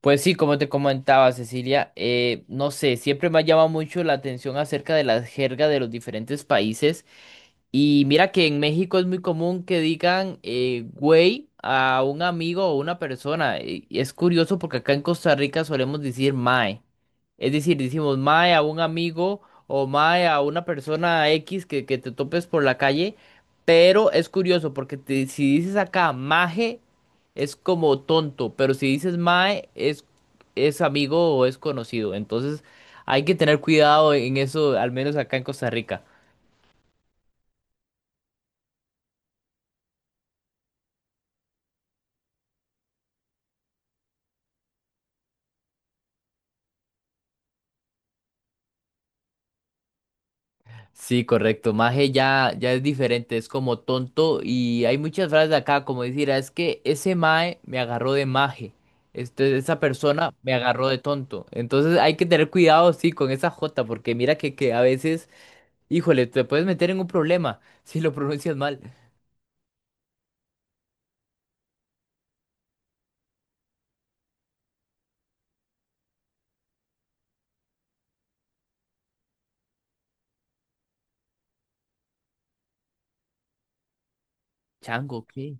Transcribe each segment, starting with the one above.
Pues sí, como te comentaba Cecilia, no sé, siempre me ha llamado mucho la atención acerca de la jerga de los diferentes países. Y mira que en México es muy común que digan güey a un amigo o una persona. Y es curioso porque acá en Costa Rica solemos decir mae. Es decir, decimos mae a un amigo o mae a una persona X que te topes por la calle, pero es curioso porque si dices acá maje es como tonto, pero si dices mae es amigo o es conocido. Entonces hay que tener cuidado en eso, al menos acá en Costa Rica. Sí, correcto. Maje ya, ya es diferente, es como tonto. Y hay muchas frases acá, como decir, "Ah, es que ese mae me agarró de maje. Este, esa persona me agarró de tonto. Entonces hay que tener cuidado, sí, con esa jota porque mira que a veces, híjole, te puedes meter en un problema si lo pronuncias mal. Chango, ¿qué?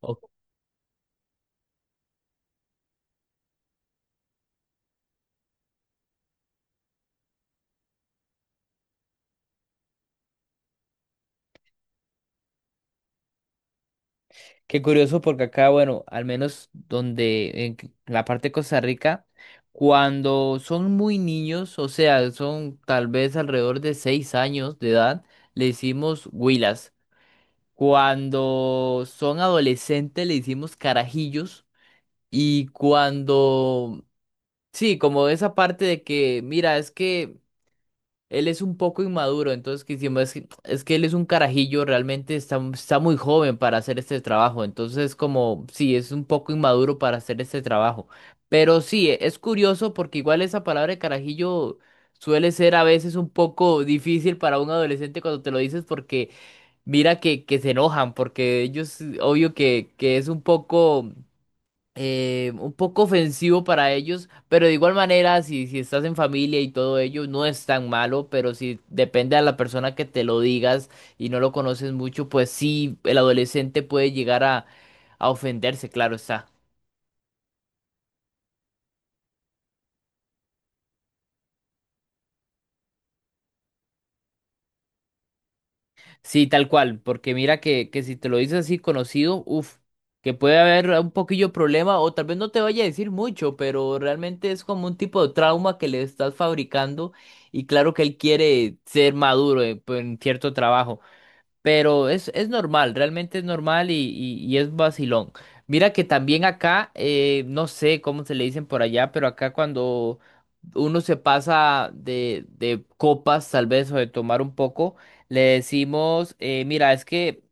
Ok. Qué curioso porque acá, bueno, al menos donde en la parte de Costa Rica, cuando son muy niños, o sea, son tal vez alrededor de 6 años de edad, le decimos huilas. Cuando son adolescentes le decimos carajillos y cuando, sí, como esa parte de que, mira, es que él es un poco inmaduro, entonces que hicimos es que él es un carajillo, realmente está, está muy joven para hacer este trabajo, entonces como sí, es un poco inmaduro para hacer este trabajo. Pero sí, es curioso porque igual esa palabra de carajillo suele ser a veces un poco difícil para un adolescente cuando te lo dices porque mira que se enojan, porque ellos obvio que es un poco ofensivo para ellos, pero de igual manera, si, si estás en familia y todo ello, no es tan malo, pero si depende a la persona que te lo digas y no lo conoces mucho, pues sí, el adolescente puede llegar a ofenderse, claro está. Sí, tal cual, porque mira que si te lo dices así conocido, uff, que puede haber un poquillo problema o tal vez no te vaya a decir mucho, pero realmente es como un tipo de trauma que le estás fabricando y claro que él quiere ser maduro pues, en cierto trabajo. Pero es normal, realmente es normal y, y es vacilón. Mira que también acá, no sé cómo se le dicen por allá, pero acá cuando uno se pasa de copas, tal vez, o de tomar un poco, le decimos, mira, es que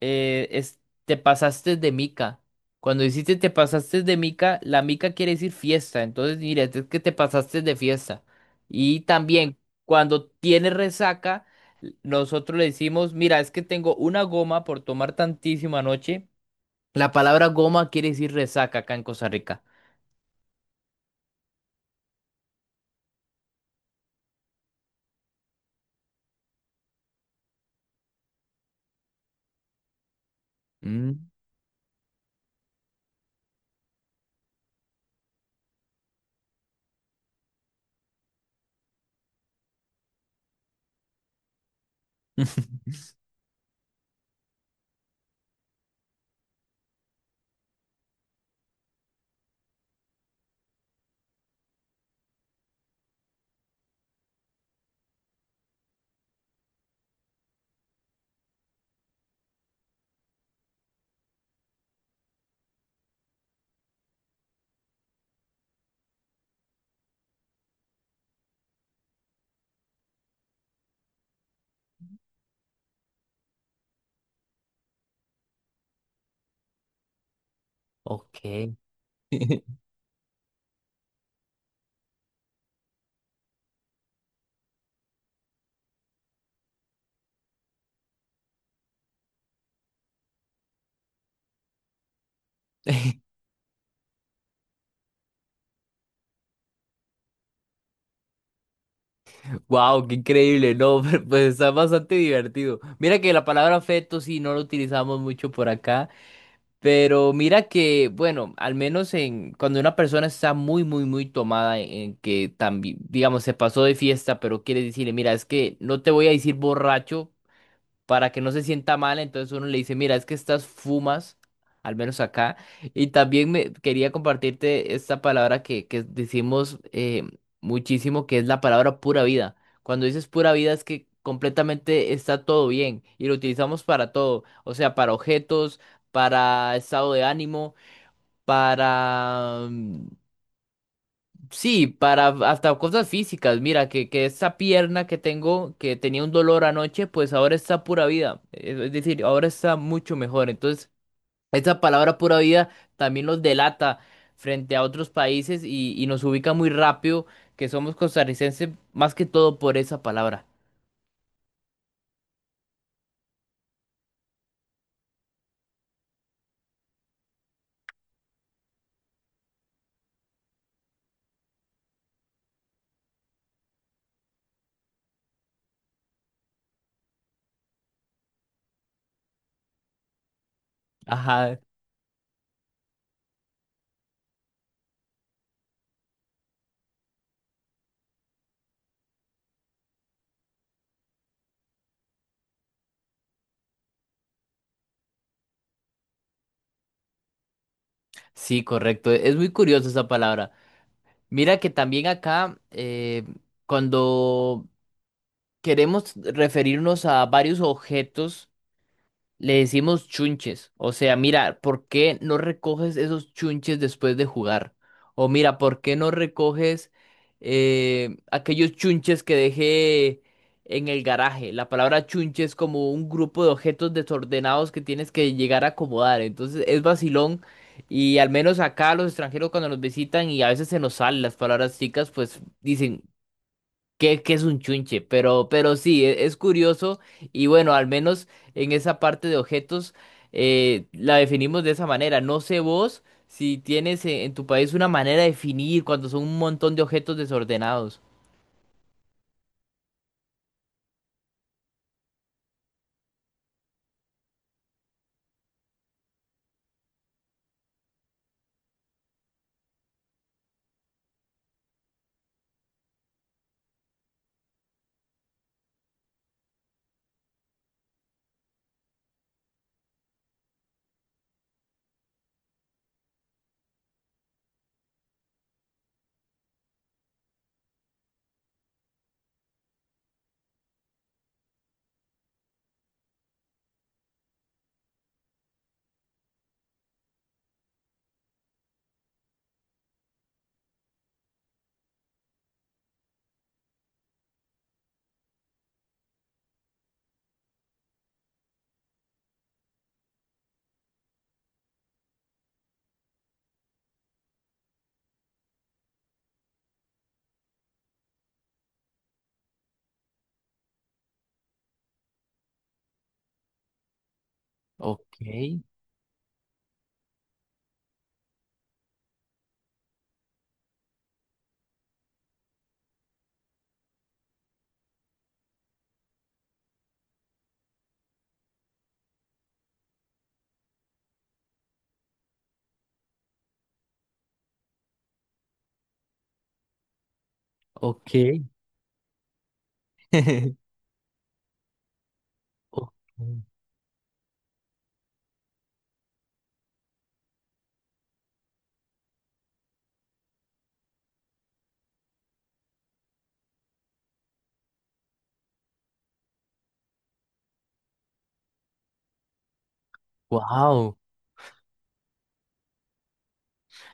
es, te pasaste de mica. Cuando hiciste te pasaste de mica, la mica quiere decir fiesta. Entonces, mira, este es que te pasaste de fiesta. Y también, cuando tienes resaca, nosotros le decimos, mira, es que tengo una goma por tomar tantísima noche. La palabra goma quiere decir resaca acá en Costa Rica. Mm. Ok. Wow, qué increíble, no, pero, pues está bastante divertido. Mira que la palabra feto sí no lo utilizamos mucho por acá. Pero mira que, bueno, al menos en cuando una persona está muy, muy, muy tomada en que también, digamos, se pasó de fiesta, pero quiere decirle, mira, es que no te voy a decir borracho, para que no se sienta mal, entonces uno le dice, mira, es que estas fumas, al menos acá, y también me quería compartirte esta palabra que decimos muchísimo, que es la palabra pura vida. Cuando dices pura vida es que completamente está todo bien y lo utilizamos para todo, o sea, para objetos, para estado de ánimo, para sí, para hasta cosas físicas. Mira, que esa pierna que tengo, que tenía un dolor anoche, pues ahora está pura vida. Es decir, ahora está mucho mejor. Entonces, esa palabra pura vida también nos delata frente a otros países y nos ubica muy rápido que somos costarricenses más que todo por esa palabra. Ajá, sí, correcto. Es muy curiosa esa palabra. Mira que también acá, cuando queremos referirnos a varios objetos, le decimos chunches. O sea, mira, ¿por qué no recoges esos chunches después de jugar? O mira, ¿por qué no recoges aquellos chunches que dejé en el garaje? La palabra chunche es como un grupo de objetos desordenados que tienes que llegar a acomodar. Entonces es vacilón. Y al menos acá los extranjeros cuando nos visitan y a veces se nos salen las palabras chicas, pues dicen, que es un chunche, pero sí, es, curioso y bueno, al menos en esa parte de objetos la definimos de esa manera. No sé vos si tienes en tu país una manera de definir cuando son un montón de objetos desordenados. Ok, ok. Wow.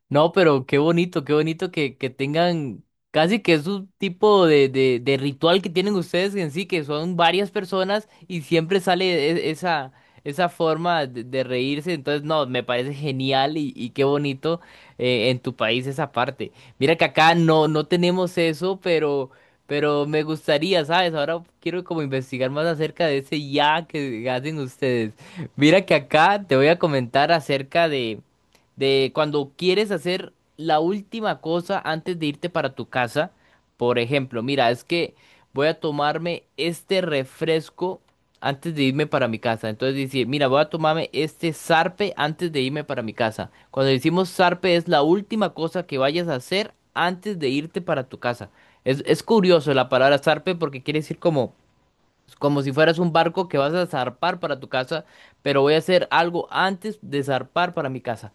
No, pero qué bonito que tengan casi que es un tipo de ritual que tienen ustedes en sí, que son varias personas y siempre sale esa, esa forma de reírse. Entonces, no, me parece genial y qué bonito en tu país esa parte. Mira que acá no, no tenemos eso, pero me gustaría, ¿sabes? Ahora quiero como investigar más acerca de ese ya que hacen ustedes. Mira que acá te voy a comentar acerca de cuando quieres hacer la última cosa antes de irte para tu casa. Por ejemplo, mira, es que voy a tomarme este refresco antes de irme para mi casa. Entonces decir, mira, voy a tomarme este zarpe antes de irme para mi casa. Cuando decimos zarpe es la última cosa que vayas a hacer antes de irte para tu casa. Es curioso la palabra zarpe porque quiere decir como, como si fueras un barco que vas a zarpar para tu casa, pero voy a hacer algo antes de zarpar para mi casa.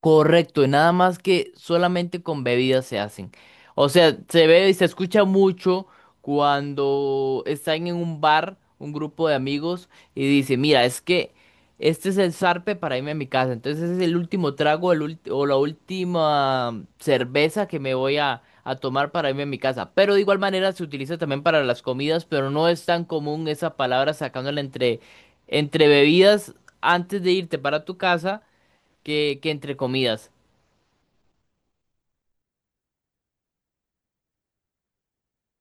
Correcto, y nada más que solamente con bebidas se hacen. O sea, se ve y se escucha mucho cuando están en un bar, un grupo de amigos, y dice, mira, es que este es el zarpe para irme a mi casa. Entonces es el último trago el o la última cerveza que me voy a tomar para irme a mi casa. Pero de igual manera se utiliza también para las comidas, pero no es tan común esa palabra sacándola entre, entre bebidas antes de irte para tu casa que entre comidas.